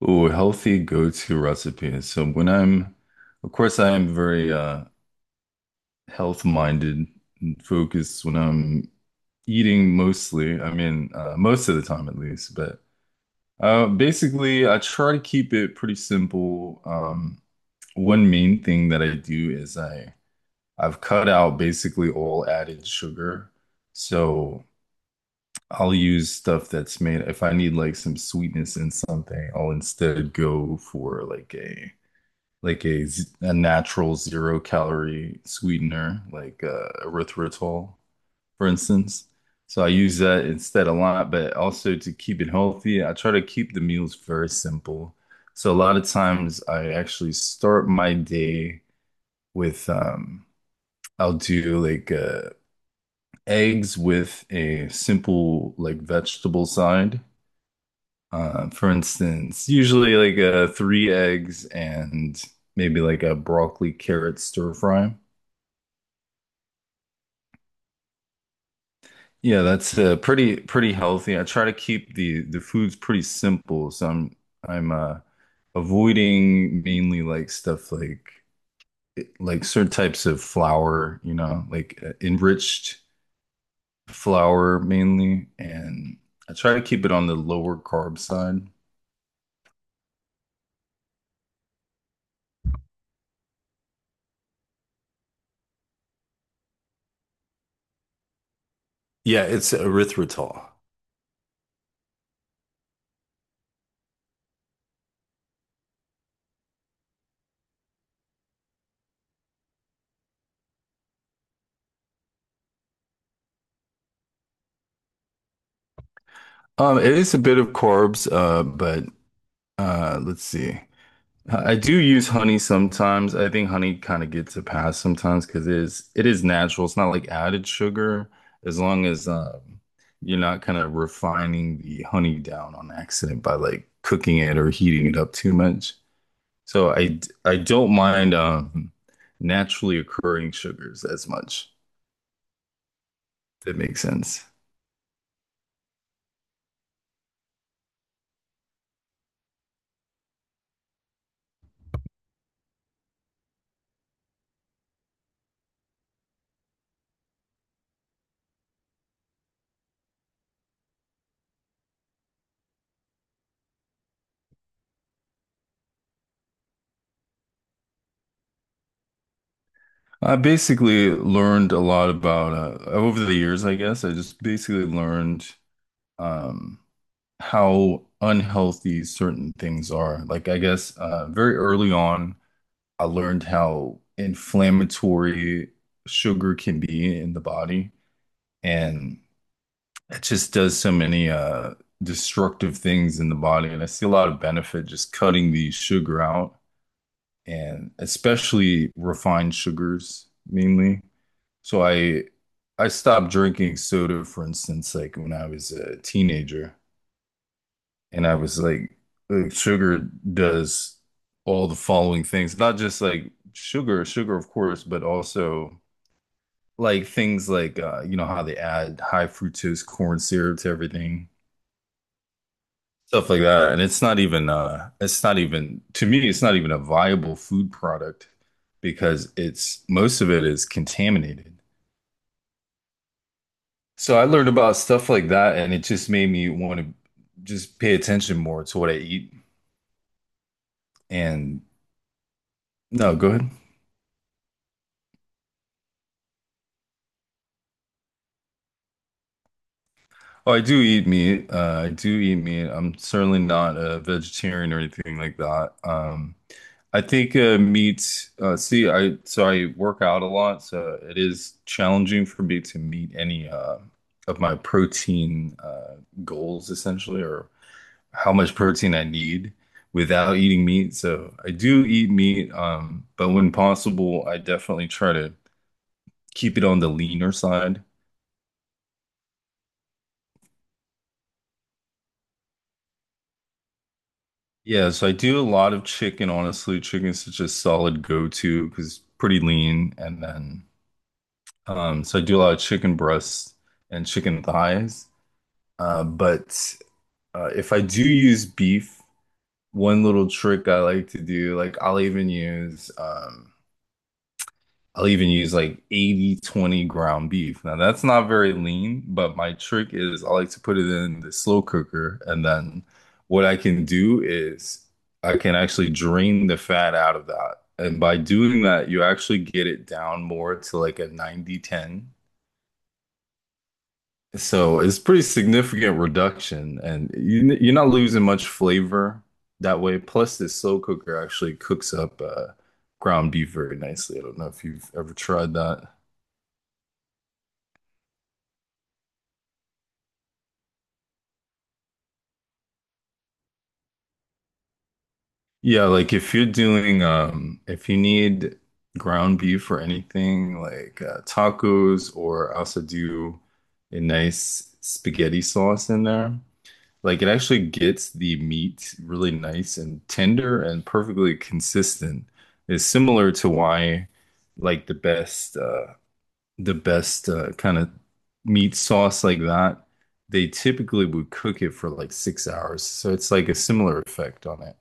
Oh, healthy go-to recipe. So when I'm, of course, I am very Health-minded and focused when I'm eating mostly. I mean, most of the time at least. But basically, I try to keep it pretty simple. One main thing that I do is I've cut out basically all added sugar. So I'll use stuff that's made. If I need like some sweetness in something, I'll instead go for a natural zero calorie sweetener like erythritol, for instance. So I use that instead a lot, but also to keep it healthy, I try to keep the meals very simple. So a lot of times I actually start my day with I'll do like eggs with a simple like vegetable side for instance, usually like three eggs and maybe like a broccoli carrot stir fry. Yeah, that's pretty healthy. I try to keep the foods pretty simple, so I'm avoiding mainly like stuff like certain types of flour, you know, like enriched flour mainly, and I try to keep it on the lower carb side. Yeah, it's erythritol. It is a bit of carbs, but let's see. I do use honey sometimes. I think honey kind of gets a pass sometimes because it is natural. It's not like added sugar as long as you're not kind of refining the honey down on accident by like cooking it or heating it up too much. So I don't mind naturally occurring sugars as much, if that makes sense. I basically learned a lot about over the years, I guess. I just basically learned. Um, how unhealthy certain things are. Like I guess very early on, I learned how inflammatory sugar can be in the body, and it just does so many destructive things in the body. And I see a lot of benefit just cutting the sugar out, and especially refined sugars mainly. So I stopped drinking soda, for instance, like when I was a teenager. And I was like, sugar does all the following things, not just like sugar, sugar, of course, but also like things like, you know, how they add high fructose corn syrup to everything, stuff like that. And it's not even, to me, it's not even a viable food product because it's, most of it is contaminated. So I learned about stuff like that and it just made me want to just pay attention more to what I eat. And no, go ahead. Oh, I do eat meat. I do eat meat. I'm certainly not a vegetarian or anything like that. I think meat. See, I work out a lot, so it is challenging for me to meet any of my protein goals, essentially, or how much protein I need without eating meat. So I do eat meat, but when possible, I definitely try to keep it on the leaner side. Yes, I do a lot of chicken, honestly. Chicken's such a solid go-to because it's pretty lean. And then, so I do a lot of chicken breasts and chicken thighs. But If I do use beef, one little trick I like to do, like I'll even use like 80/20 ground beef. Now that's not very lean, but my trick is I like to put it in the slow cooker. And then what I can do is I can actually drain the fat out of that. And by doing that, you actually get it down more to like a 90/10. So it's pretty significant reduction. And you, you're not losing much flavor that way. Plus, this slow cooker actually cooks up ground beef very nicely. I don't know if you've ever tried that. Yeah, like if you're doing if you need ground beef or anything like tacos or also do a nice spaghetti sauce in there. Like it actually gets the meat really nice and tender and perfectly consistent. It's similar to why like the best kind of meat sauce like that, they typically would cook it for like 6 hours. So it's like a similar effect on it.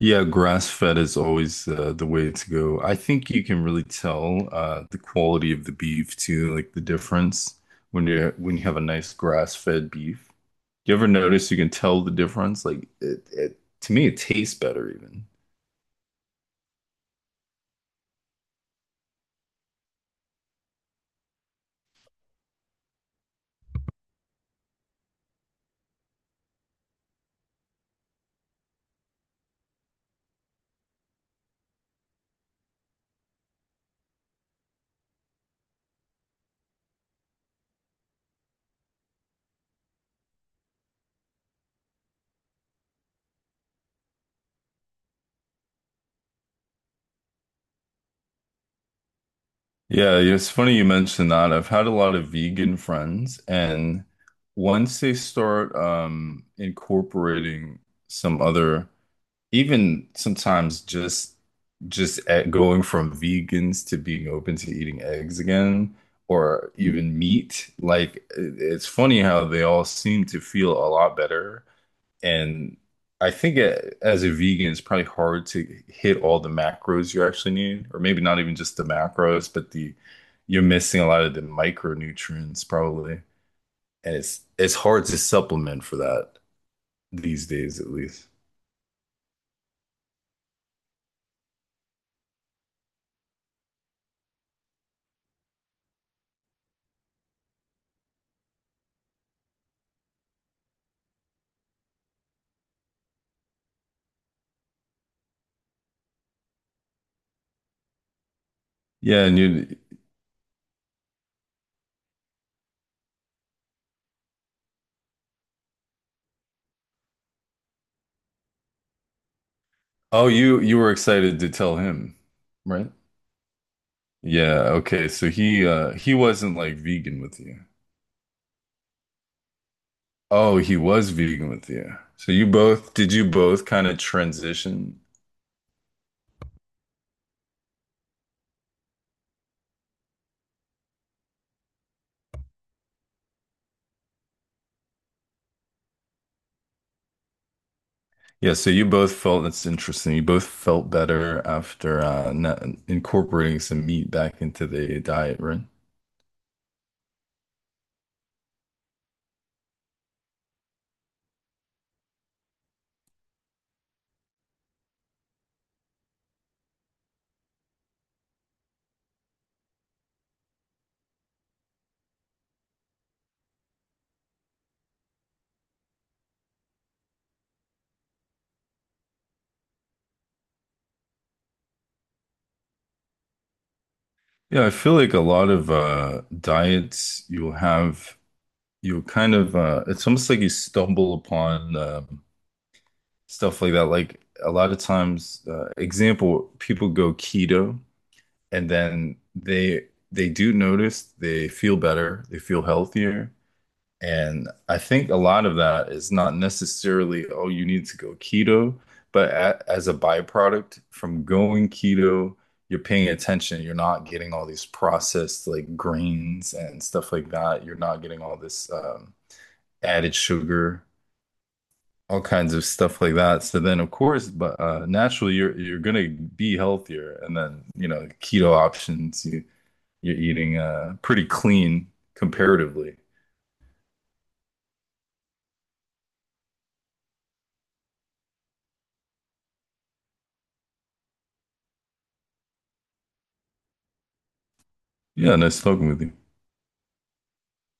Yeah, grass-fed is always the way to go. I think you can really tell the quality of the beef too, like the difference when you have a nice grass-fed beef. You ever notice you can tell the difference? Like it to me, it tastes better even. Yeah, yeah, it's funny you mentioned that. I've had a lot of vegan friends, and once they start incorporating some other even sometimes just at going from vegans to being open to eating eggs again or even meat it's funny how they all seem to feel a lot better and I think as a vegan it's probably hard to hit all the macros you actually need or maybe not even just the macros but the you're missing a lot of the micronutrients probably and it's hard to supplement for that these days at least yeah and you. Oh, you were excited to tell him, right? Yeah, okay. So he wasn't like vegan with you. Oh, he was vegan with you. So you both kind of transition? Yeah, so you both felt that's interesting. You both felt better after not incorporating some meat back into the diet, right? Yeah, I feel like a lot of diets you'll have you'll kind of it's almost like you stumble upon stuff like that. Like a lot of times, example, people go keto and then they do notice they feel better, they feel healthier. And I think a lot of that is not necessarily, oh, you need to go keto, but a as a byproduct from going keto, you're paying attention. You're not getting all these processed like grains and stuff like that. You're not getting all this added sugar all kinds of stuff like that. So then, of course, but naturally, you're gonna be healthier, and then you know keto options. You're eating pretty clean comparatively. Yeah, nice talking with you.